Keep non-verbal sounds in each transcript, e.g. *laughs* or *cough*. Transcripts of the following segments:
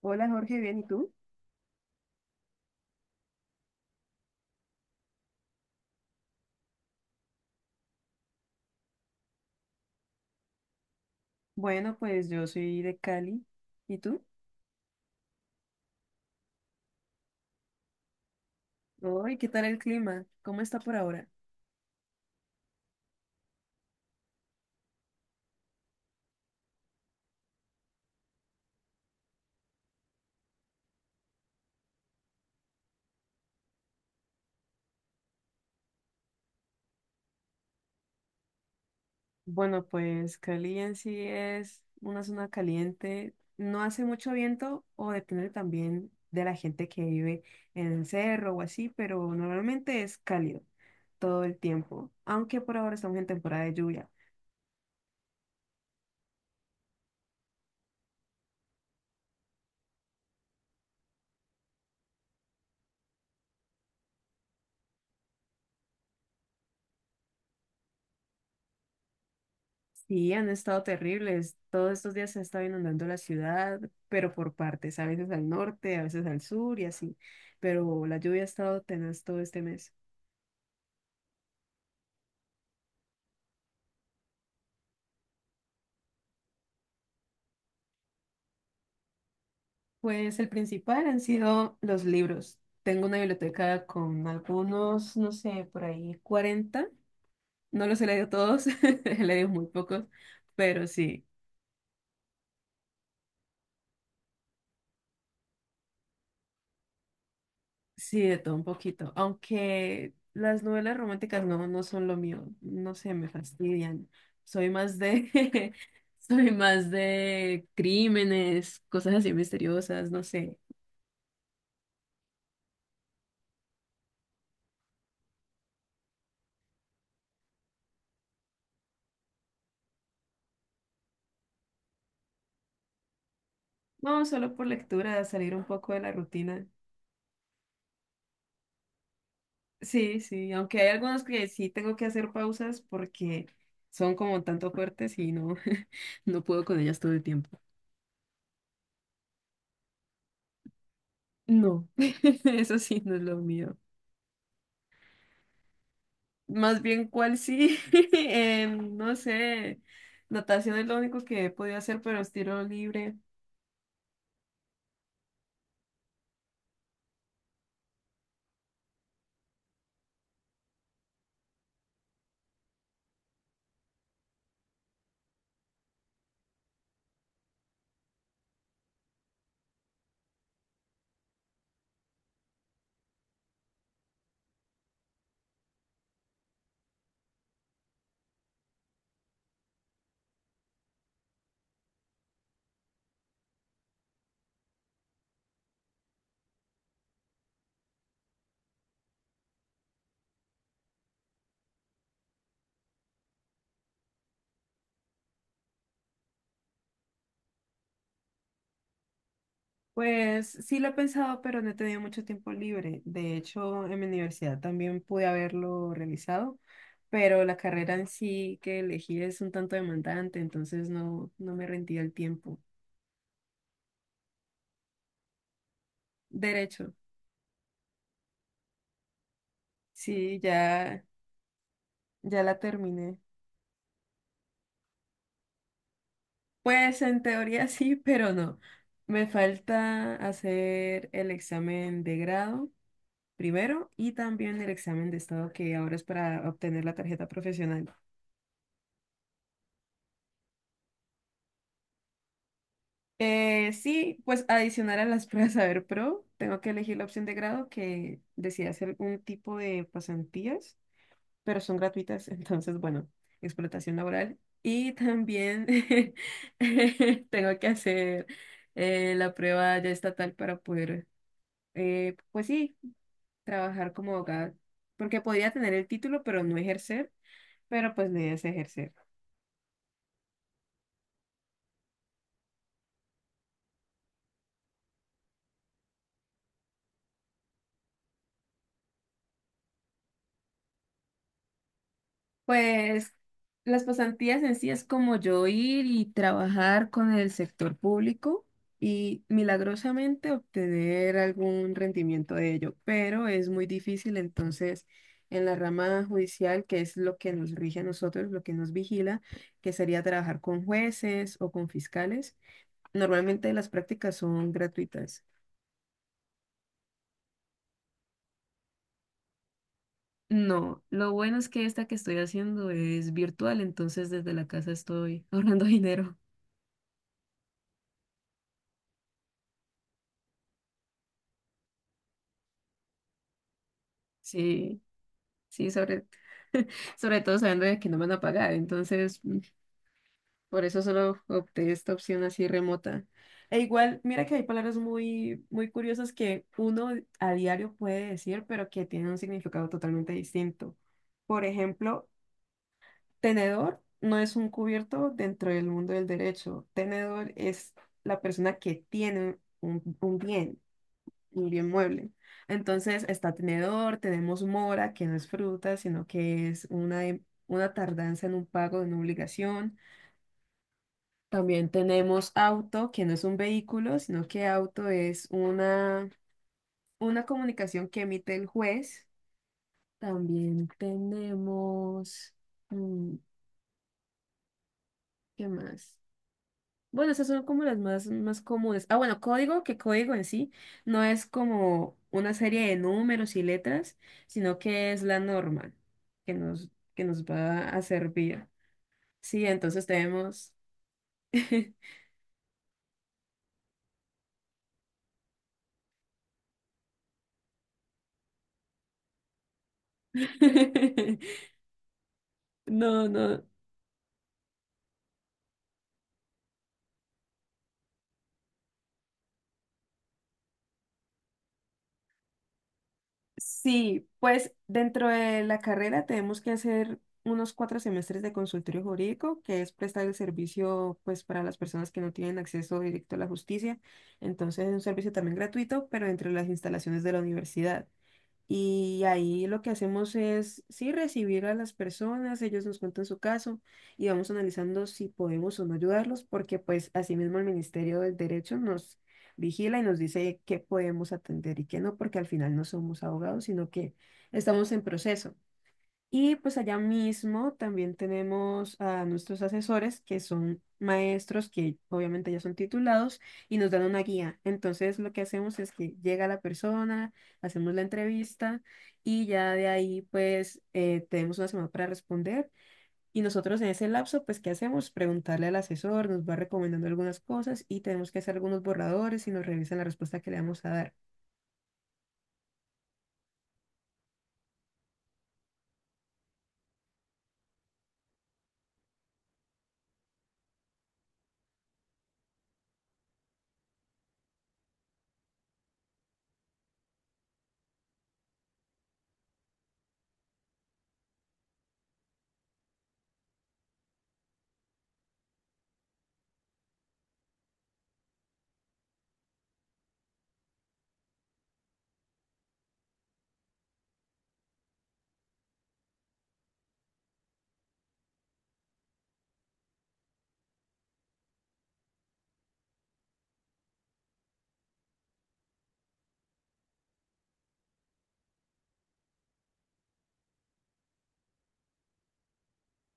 Hola Jorge, bien, ¿y tú? Bueno, pues yo soy de Cali. ¿Y tú? Hoy, ¿qué tal el clima? ¿Cómo está por ahora? Bueno, pues Cali en sí es una zona caliente. No hace mucho viento o depende también de la gente que vive en el cerro o así, pero normalmente es cálido todo el tiempo, aunque por ahora estamos en temporada de lluvia. Sí, han estado terribles. Todos estos días se ha estado inundando la ciudad, pero por partes, a veces al norte, a veces al sur y así. Pero la lluvia ha estado tenaz todo este mes. Pues el principal han sido los libros. Tengo una biblioteca con algunos, no sé, por ahí 40. No los he leído todos, *laughs* he leído muy pocos, pero sí. Sí, de todo un poquito. Aunque las novelas románticas no son lo mío. No sé, me fastidian. Soy más de, *laughs* soy más de crímenes, cosas así misteriosas, no sé. No, solo por lectura, salir un poco de la rutina. Sí, sí, aunque hay algunos que sí tengo que hacer pausas porque son como tanto fuertes y no, *laughs* no puedo con ellas todo el tiempo. No, *laughs* eso sí no es lo mío. Más bien, ¿cuál sí? *laughs* No sé, natación es lo único que he podido hacer, pero estilo libre. Pues sí lo he pensado, pero no he tenido mucho tiempo libre. De hecho, en mi universidad también pude haberlo realizado, pero la carrera en sí que elegí es un tanto demandante, entonces no me rendía el tiempo. Derecho, sí, ya, ya la terminé. Pues en teoría *laughs* sí, pero no. Me falta hacer el examen de grado primero y también el examen de estado que ahora es para obtener la tarjeta profesional. Sí, pues adicional a las *laughs* pruebas Saber Pro, tengo que elegir la opción de grado que decía hacer un tipo de pasantías, pero son gratuitas, *laughs* entonces, bueno, explotación laboral. Y también *laughs* tengo que hacer la prueba ya estatal para poder, pues sí, trabajar como abogada, porque podría tener el título, pero no ejercer, pero pues la idea es ejercer. Pues las pasantías en sí es como yo ir y trabajar con el sector público y milagrosamente obtener algún rendimiento de ello, pero es muy difícil entonces en la rama judicial, que es lo que nos rige a nosotros, lo que nos vigila, que sería trabajar con jueces o con fiscales. Normalmente las prácticas son gratuitas. No, lo bueno es que esta que estoy haciendo es virtual, entonces desde la casa estoy ahorrando *laughs* dinero. Sí. Sí, sobre todo sabiendo de que no me van a pagar. Entonces, por eso solo opté esta opción así remota. E igual, mira que hay palabras muy, muy curiosas que uno a diario puede decir, pero que tienen un significado totalmente distinto. Por ejemplo, tenedor no es un cubierto dentro del mundo del derecho. Tenedor es la persona que tiene un bien mueble. Entonces está tenedor, tenemos mora, que no es fruta, sino que es una, una tardanza en un pago en una obligación. También tenemos auto, que no es un vehículo, sino que auto es una comunicación que emite el juez. También tenemos, mm, ¿qué más? Bueno, esas son como las más comunes. Ah, bueno, código, que código en sí no es como una serie de números y letras, sino que es la norma que nos va a servir. Sí, entonces tenemos... *laughs* No, no. Sí, pues dentro de la carrera tenemos que hacer unos 4 semestres de consultorio jurídico, que es prestar el servicio pues para las personas que no tienen acceso directo a la justicia. Entonces es un servicio también gratuito, pero dentro de las instalaciones de la universidad. Y ahí lo que hacemos es, sí, recibir a las personas, ellos nos cuentan su caso y vamos analizando si podemos o no ayudarlos, porque pues asimismo el Ministerio del Derecho nos vigila y nos dice qué podemos atender y qué no, porque al final no somos abogados, sino que estamos en proceso. Y pues allá mismo también tenemos a nuestros asesores, que son maestros que obviamente ya son titulados y nos dan una guía. Entonces lo que hacemos es que llega la persona, hacemos la entrevista y ya de ahí pues tenemos una semana para responder. Y nosotros en ese lapso pues ¿qué hacemos? Preguntarle al asesor, nos va recomendando algunas cosas y tenemos que hacer algunos borradores y nos revisan la respuesta que le vamos a dar.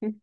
*laughs*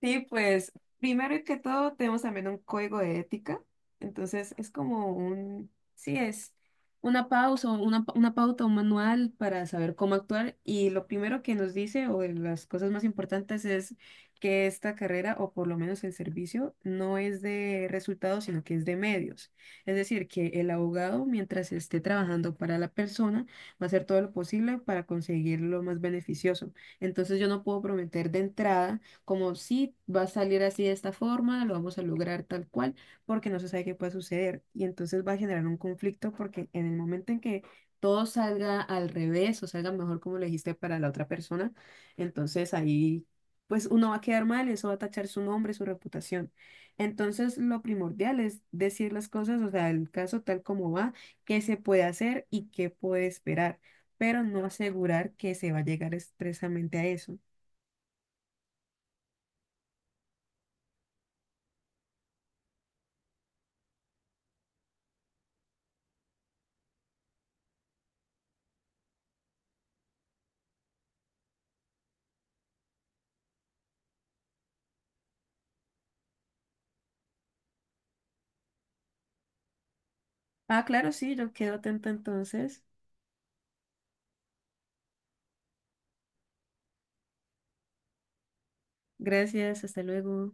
Sí, pues primero que todo tenemos también un código de ética, entonces es como un, sí, es una pausa, una, pa- una pauta, un manual para saber cómo actuar y lo primero que nos dice o de las cosas más importantes es que esta carrera o por lo menos el servicio no es de resultados, sino que es de medios. Es decir, que el abogado mientras esté trabajando para la persona va a hacer todo lo posible para conseguir lo más beneficioso. Entonces yo no puedo prometer de entrada como sí, va a salir así de esta forma, lo vamos a lograr tal cual, porque no se sabe qué puede suceder. Y entonces va a generar un conflicto porque en el momento en que todo salga al revés o salga mejor como lo dijiste para la otra persona, entonces ahí pues uno va a quedar mal, eso va a tachar su nombre, su reputación. Entonces lo primordial es decir las cosas, o sea, el caso tal como va, qué se puede hacer y qué puede esperar pero no asegurar que se va a llegar expresamente a eso. Ah, claro, sí, yo quedo atenta entonces. Gracias, hasta luego.